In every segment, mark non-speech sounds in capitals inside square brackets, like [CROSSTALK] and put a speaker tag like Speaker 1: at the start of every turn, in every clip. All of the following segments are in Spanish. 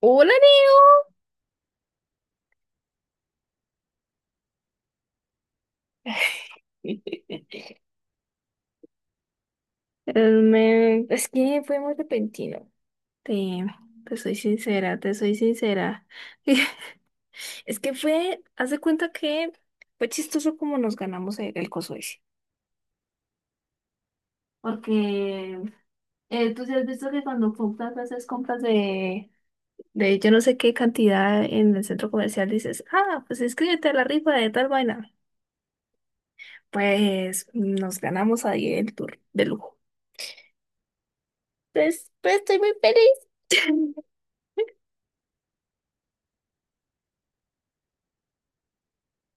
Speaker 1: Hola, Neo. [LAUGHS] Es que fue muy repentino. Te, te soy sincera. [LAUGHS] Es que fue, haz de cuenta que fue chistoso como nos ganamos el coso ese. Porque tú sí has visto que cuando compras, haces compras de yo no sé qué cantidad en el centro comercial, dices, ah, pues inscríbete a la rifa de tal vaina. Pues nos ganamos ahí el tour de lujo. Pues estoy muy feliz.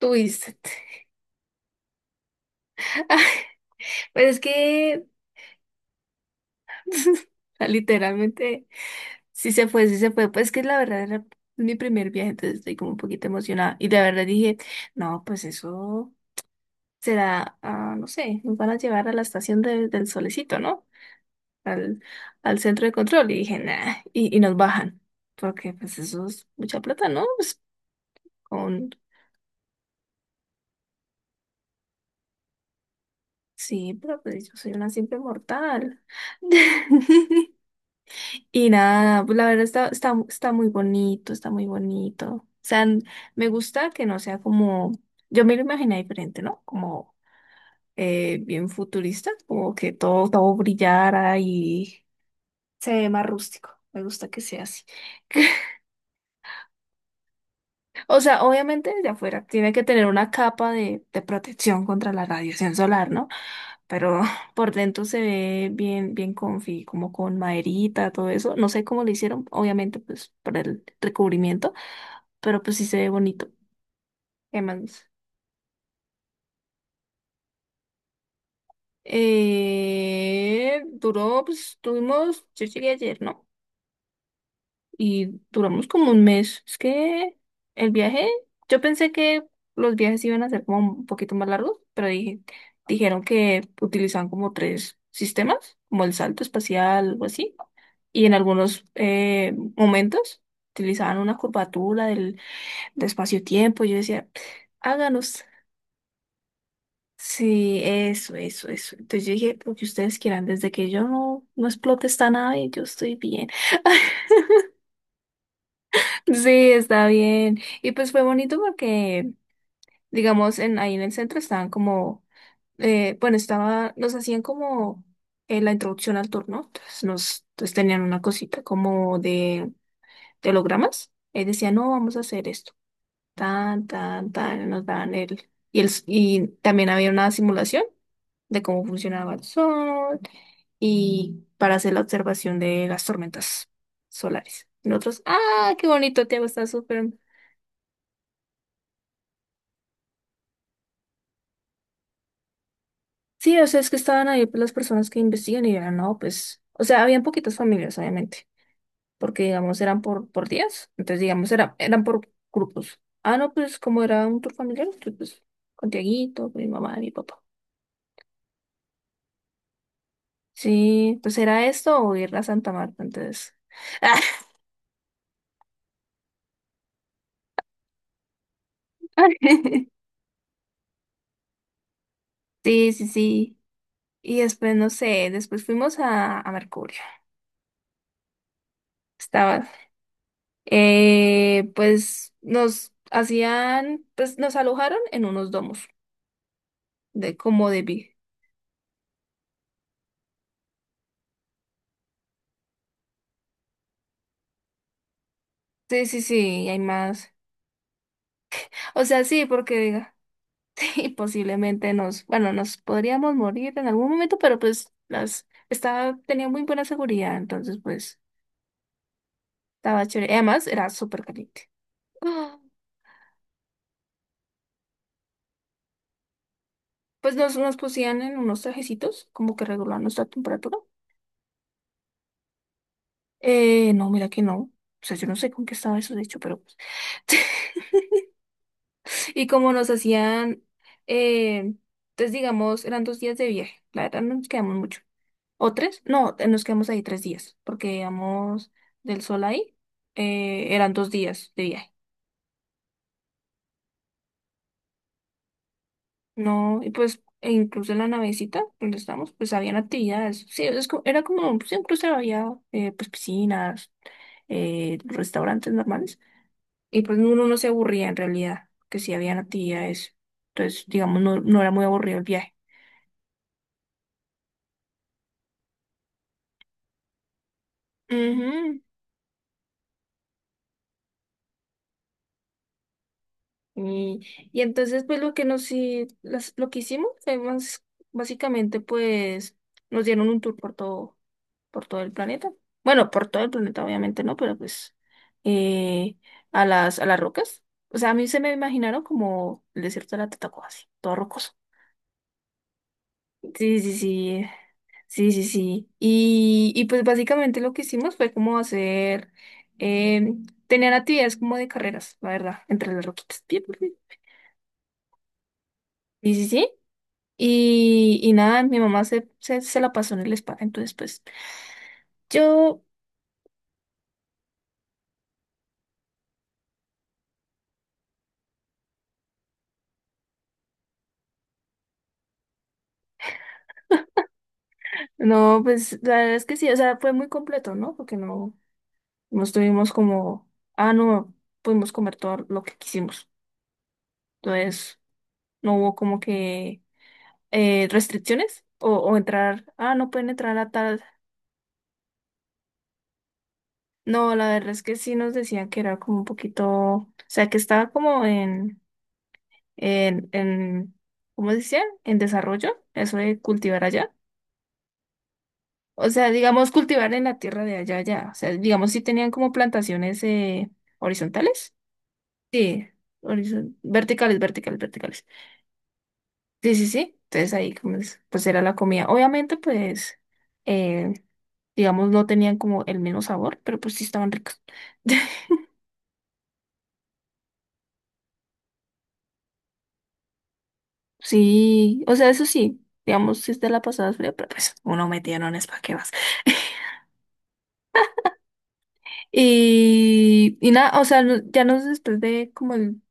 Speaker 1: [LAUGHS] Tuviste. [LAUGHS] Pues es que [LAUGHS] literalmente sí se fue. Pues es que la verdad era mi primer viaje, entonces estoy como un poquito emocionada. Y la verdad dije, no, pues eso será, no sé, nos van a llevar a la estación del solecito, ¿no? Al, al centro de control. Y dije, nah, y nos bajan. Porque pues eso es mucha plata, ¿no? Pues, con... Sí, pero pues yo soy una simple mortal. [LAUGHS] Y nada, pues la verdad está muy bonito, está muy bonito. O sea, n- me gusta que no sea como, yo me lo imaginé diferente, ¿no? Como bien futurista, como que todo brillara y se ve más rústico. Me gusta que sea así. [LAUGHS] O sea, obviamente desde afuera tiene que tener una capa de protección contra la radiación solar, ¿no? Pero [LAUGHS] por dentro se ve bien, bien comfy, como con maderita, todo eso. No sé cómo lo hicieron, obviamente, pues para el recubrimiento, pero pues sí se ve bonito. ¿Qué más? Duró, pues tuvimos, yo llegué ayer, ¿no? Y duramos como un mes. Es que el viaje, yo pensé que los viajes iban a ser como un poquito más largos, pero dije, dijeron que utilizaban como tres sistemas, como el salto espacial o así. Y en algunos momentos utilizaban una curvatura de espacio-tiempo. Yo decía, háganos. Sí, eso, eso, eso. Entonces yo dije, lo que ustedes quieran, desde que yo no explote esta nave, yo estoy bien. [LAUGHS] Sí, está bien. Y pues fue bonito porque, digamos, ahí en el centro estaban como, bueno, estaba, nos hacían como la introducción al turno. Entonces nos entonces tenían una cosita como de hologramas. Y decían, no, vamos a hacer esto. Tan, tan, tan, nos daban el... Y también había una simulación de cómo funcionaba el sol y para hacer la observación de las tormentas solares. Y nosotros, ah, qué bonito, Tiago, está súper... Sí, o sea, es que estaban ahí pues, las personas que investigan y eran, no, pues, o sea, habían poquitas familias, obviamente, porque, digamos, eran por días, entonces, digamos, eran por grupos. Ah, no, pues, como era un tour familiar, entonces, pues, con Tiaguito, con mi mamá, mi papá. Sí, pues era esto o ir a Santa Marta, entonces. [LAUGHS] Sí, sí, sí. Y después, no sé, después fuimos a Mercurio. Estaba, pues nos hacían, pues nos alojaron en unos domos de como de vi. Sí, sí, sí, y hay más. O sea, sí, porque diga, [LAUGHS] sí, posiblemente nos, bueno, nos podríamos morir en algún momento, pero pues las, estaba, tenía muy buena seguridad, entonces pues estaba chévere. Y además, era súper caliente. Ah, pues nos, nos pusían en unos trajecitos, como que regulaban nuestra temperatura. No, mira que no. O sea, yo no sé con qué estaba eso, de hecho, pero pues. [LAUGHS] Y como nos hacían, eh, entonces digamos, eran 2 días de viaje. La verdad no nos quedamos mucho. ¿O tres? No, nos quedamos ahí 3 días, porque íbamos del sol ahí, eran dos días de viaje. No, y pues, e incluso en la navecita donde estábamos, pues habían actividades. Sí, es co- era como, sí, incluso había pues piscinas restaurantes normales, y pues uno no se aburría en realidad, que sí habían actividades, entonces digamos no era muy aburrido el viaje. Ujú. Y entonces, pues lo que nos hi- las- lo que hicimos fue más- básicamente, pues, nos dieron un tour por todo el planeta. Bueno, por todo el planeta, obviamente no, pero pues eh, a las rocas. O sea, a mí se me imaginaron como el desierto de la Tatacoa, así, todo rocoso. Sí, sí, sí. Sí, sí, sí. Y pues básicamente lo que hicimos fue como hacer, eh, tener actividades como de carreras, la verdad, entre las roquitas. Bien, bien, bien. Sí, sí, sí. Y nada, mi mamá se la pasó en el spa, entonces pues yo, no, pues la verdad es que sí, o sea, fue muy completo, ¿no? Porque no, no estuvimos como, ah, no, pudimos comer todo lo que quisimos. Entonces, no hubo como que restricciones o entrar, ah, no pueden entrar a tal. No, la verdad es que sí nos decían que era como un poquito, o sea, que estaba como en, ¿cómo se decía? En desarrollo, eso de cultivar allá. O sea, digamos, cultivar en la tierra de allá, allá. O sea, digamos, sí tenían como plantaciones horizontales. Sí, verticales, verticales, verticales. Sí, sí, sí. Entonces ahí como es, pues era la comida. Obviamente, pues, eh, digamos, no tenían como el mismo sabor, pero pues sí estaban ricos. [LAUGHS] Sí, o sea, eso sí, digamos, si te la pasabas fría, pero pues uno metía es ¿para qué vas? Y nada, o sea, no- ya nos después de como el,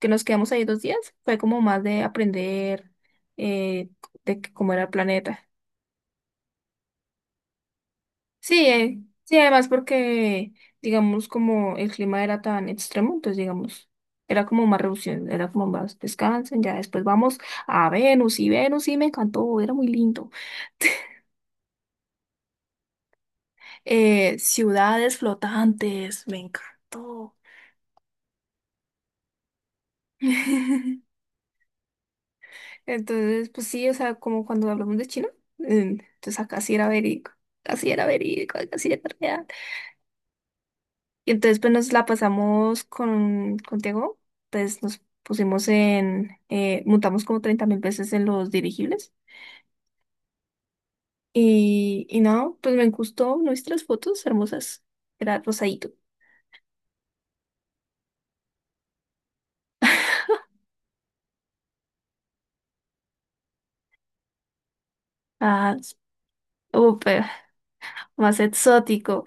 Speaker 1: que nos quedamos ahí 2 días, fue como más de aprender eh, de que- cómo era el planeta. Sí, sí, además porque, digamos, como el clima era tan extremo, entonces, digamos, era como más reducción, era como más descansen, ya después vamos a Venus y Venus, sí, me encantó, era muy lindo. Ciudades flotantes, me encantó. [LAUGHS] Entonces, pues sí, o sea, como cuando hablamos de China, entonces acá sí era verídico, casi era verídico, casi era real. Y entonces, pues nos la pasamos contigo, pues nos pusimos en, montamos como 30.000 veces en los dirigibles. Y no, pues me gustó nuestras fotos hermosas, era rosadito. Ah, súper, más exótico.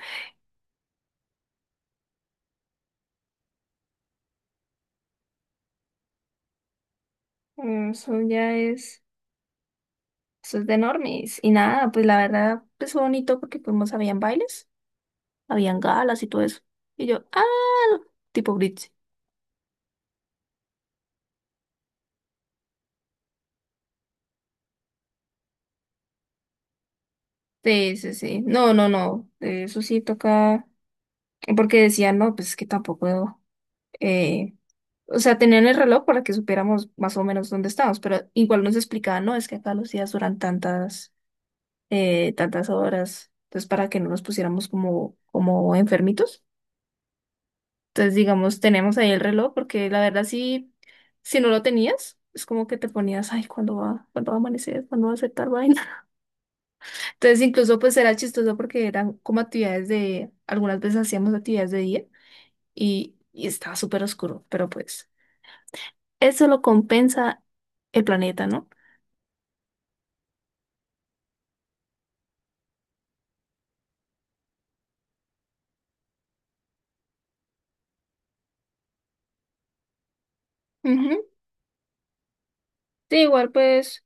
Speaker 1: Mm, eso ya es. Eso es de normis. Y nada, pues la verdad, pues fue bonito porque fuimos, habían bailes, habían galas y todo eso. Y yo, ah, tipo Britney. Sí, sí, sí. No, no, no. Eso sí toca. Porque decían, no, pues es que tampoco. Eh... O sea, tenían el reloj para que supiéramos más o menos dónde estábamos, pero igual nos explicaban, no, es que acá los días duran tantas, tantas horas. Entonces, para que no nos pusiéramos como, como enfermitos. Entonces, digamos, tenemos ahí el reloj, porque la verdad sí, si no lo tenías, es como que te ponías, ay, cuándo va a amanecer? ¿Cuándo va a ser tal vaina? [LAUGHS] Entonces, incluso pues era chistoso porque eran como actividades de, algunas veces hacíamos actividades de día y estaba súper oscuro, pero pues eso lo compensa el planeta, ¿no? Ujú. Sí, igual pues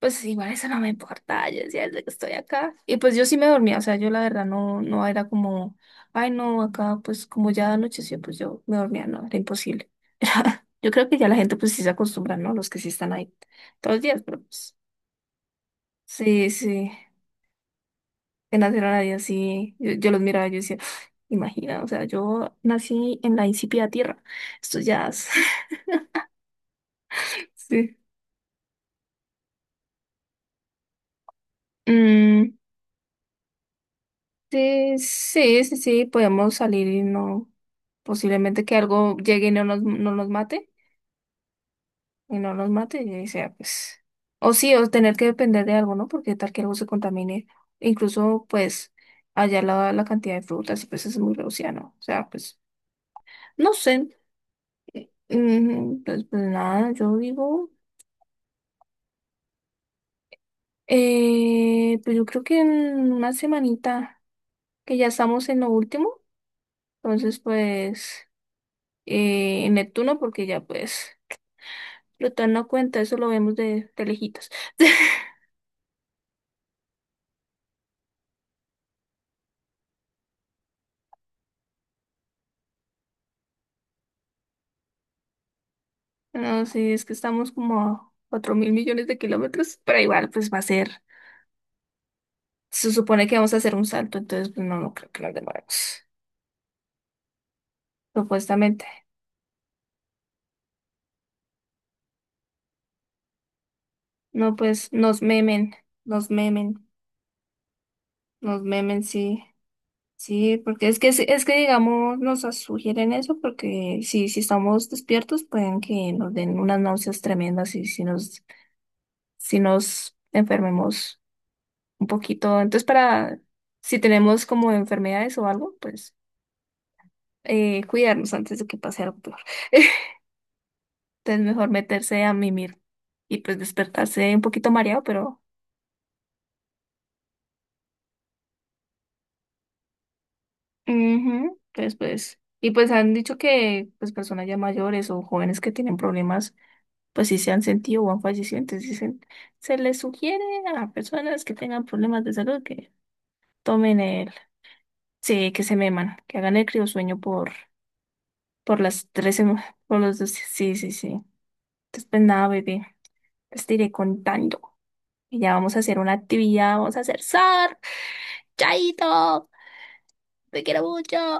Speaker 1: Pues igual eso no me importa, yo decía desde que estoy acá. Y pues yo sí me dormía, o sea, yo la verdad no, no era como, ay no, acá pues como ya anocheció, pues yo me dormía, no, era imposible. [LAUGHS] Yo creo que ya la gente pues sí se acostumbra, ¿no? Los que sí están ahí todos los días, pero pues sí, sí, que nacieron ahí así, yo los miraba y yo decía, [SIGHS] imagina, o sea, yo nací en la insípida tierra, estos ya, [LAUGHS] sí. Mm, sí, sí, sí, sí, podemos salir y no, posiblemente que algo llegue y no nos, no nos mate, y sea, pues, o sí, o tener que depender de algo, ¿no? Porque tal que algo se contamine, incluso, pues, allá la cantidad de frutas, y pues es muy reducida, ¿no? O sea, pues, no sé, mm, pues, pues nada, yo digo, pues yo creo que en una semanita, que ya estamos en lo último, entonces, pues, en Neptuno, porque ya, pues... Plutón no cuenta, eso lo vemos de lejitos. [LAUGHS] No, sí, es que estamos como a 4 mil millones de kilómetros, pero igual pues va a ser, se supone que vamos a hacer un salto, entonces pues no, no creo que nos demoremos, supuestamente. No, pues nos memen, nos memen, nos memen, sí, sí, porque es que digamos, nos sugieren eso, porque si estamos despiertos pueden que nos den unas náuseas tremendas y si nos, enfermemos un poquito. Entonces, para si tenemos como enfermedades o algo, pues cuidarnos antes de que pase algo peor. [LAUGHS] Entonces, mejor meterse a mimir y pues despertarse un poquito mareado, pero ujú, pues pues y pues han dicho que pues personas ya mayores o jóvenes que tienen problemas, pues sí se han sentido o han fallecido, entonces dicen, se les sugiere a personas que tengan problemas de salud que tomen el Sí, que se meman, que hagan el criosueño por las 3 semanas, por los dos, sí, sí, sí. Entonces, pues nada, bebé, pues te iré contando. Y ya vamos a hacer una actividad, vamos a hacer surf. ¡Chaito! ¡Te quiero mucho!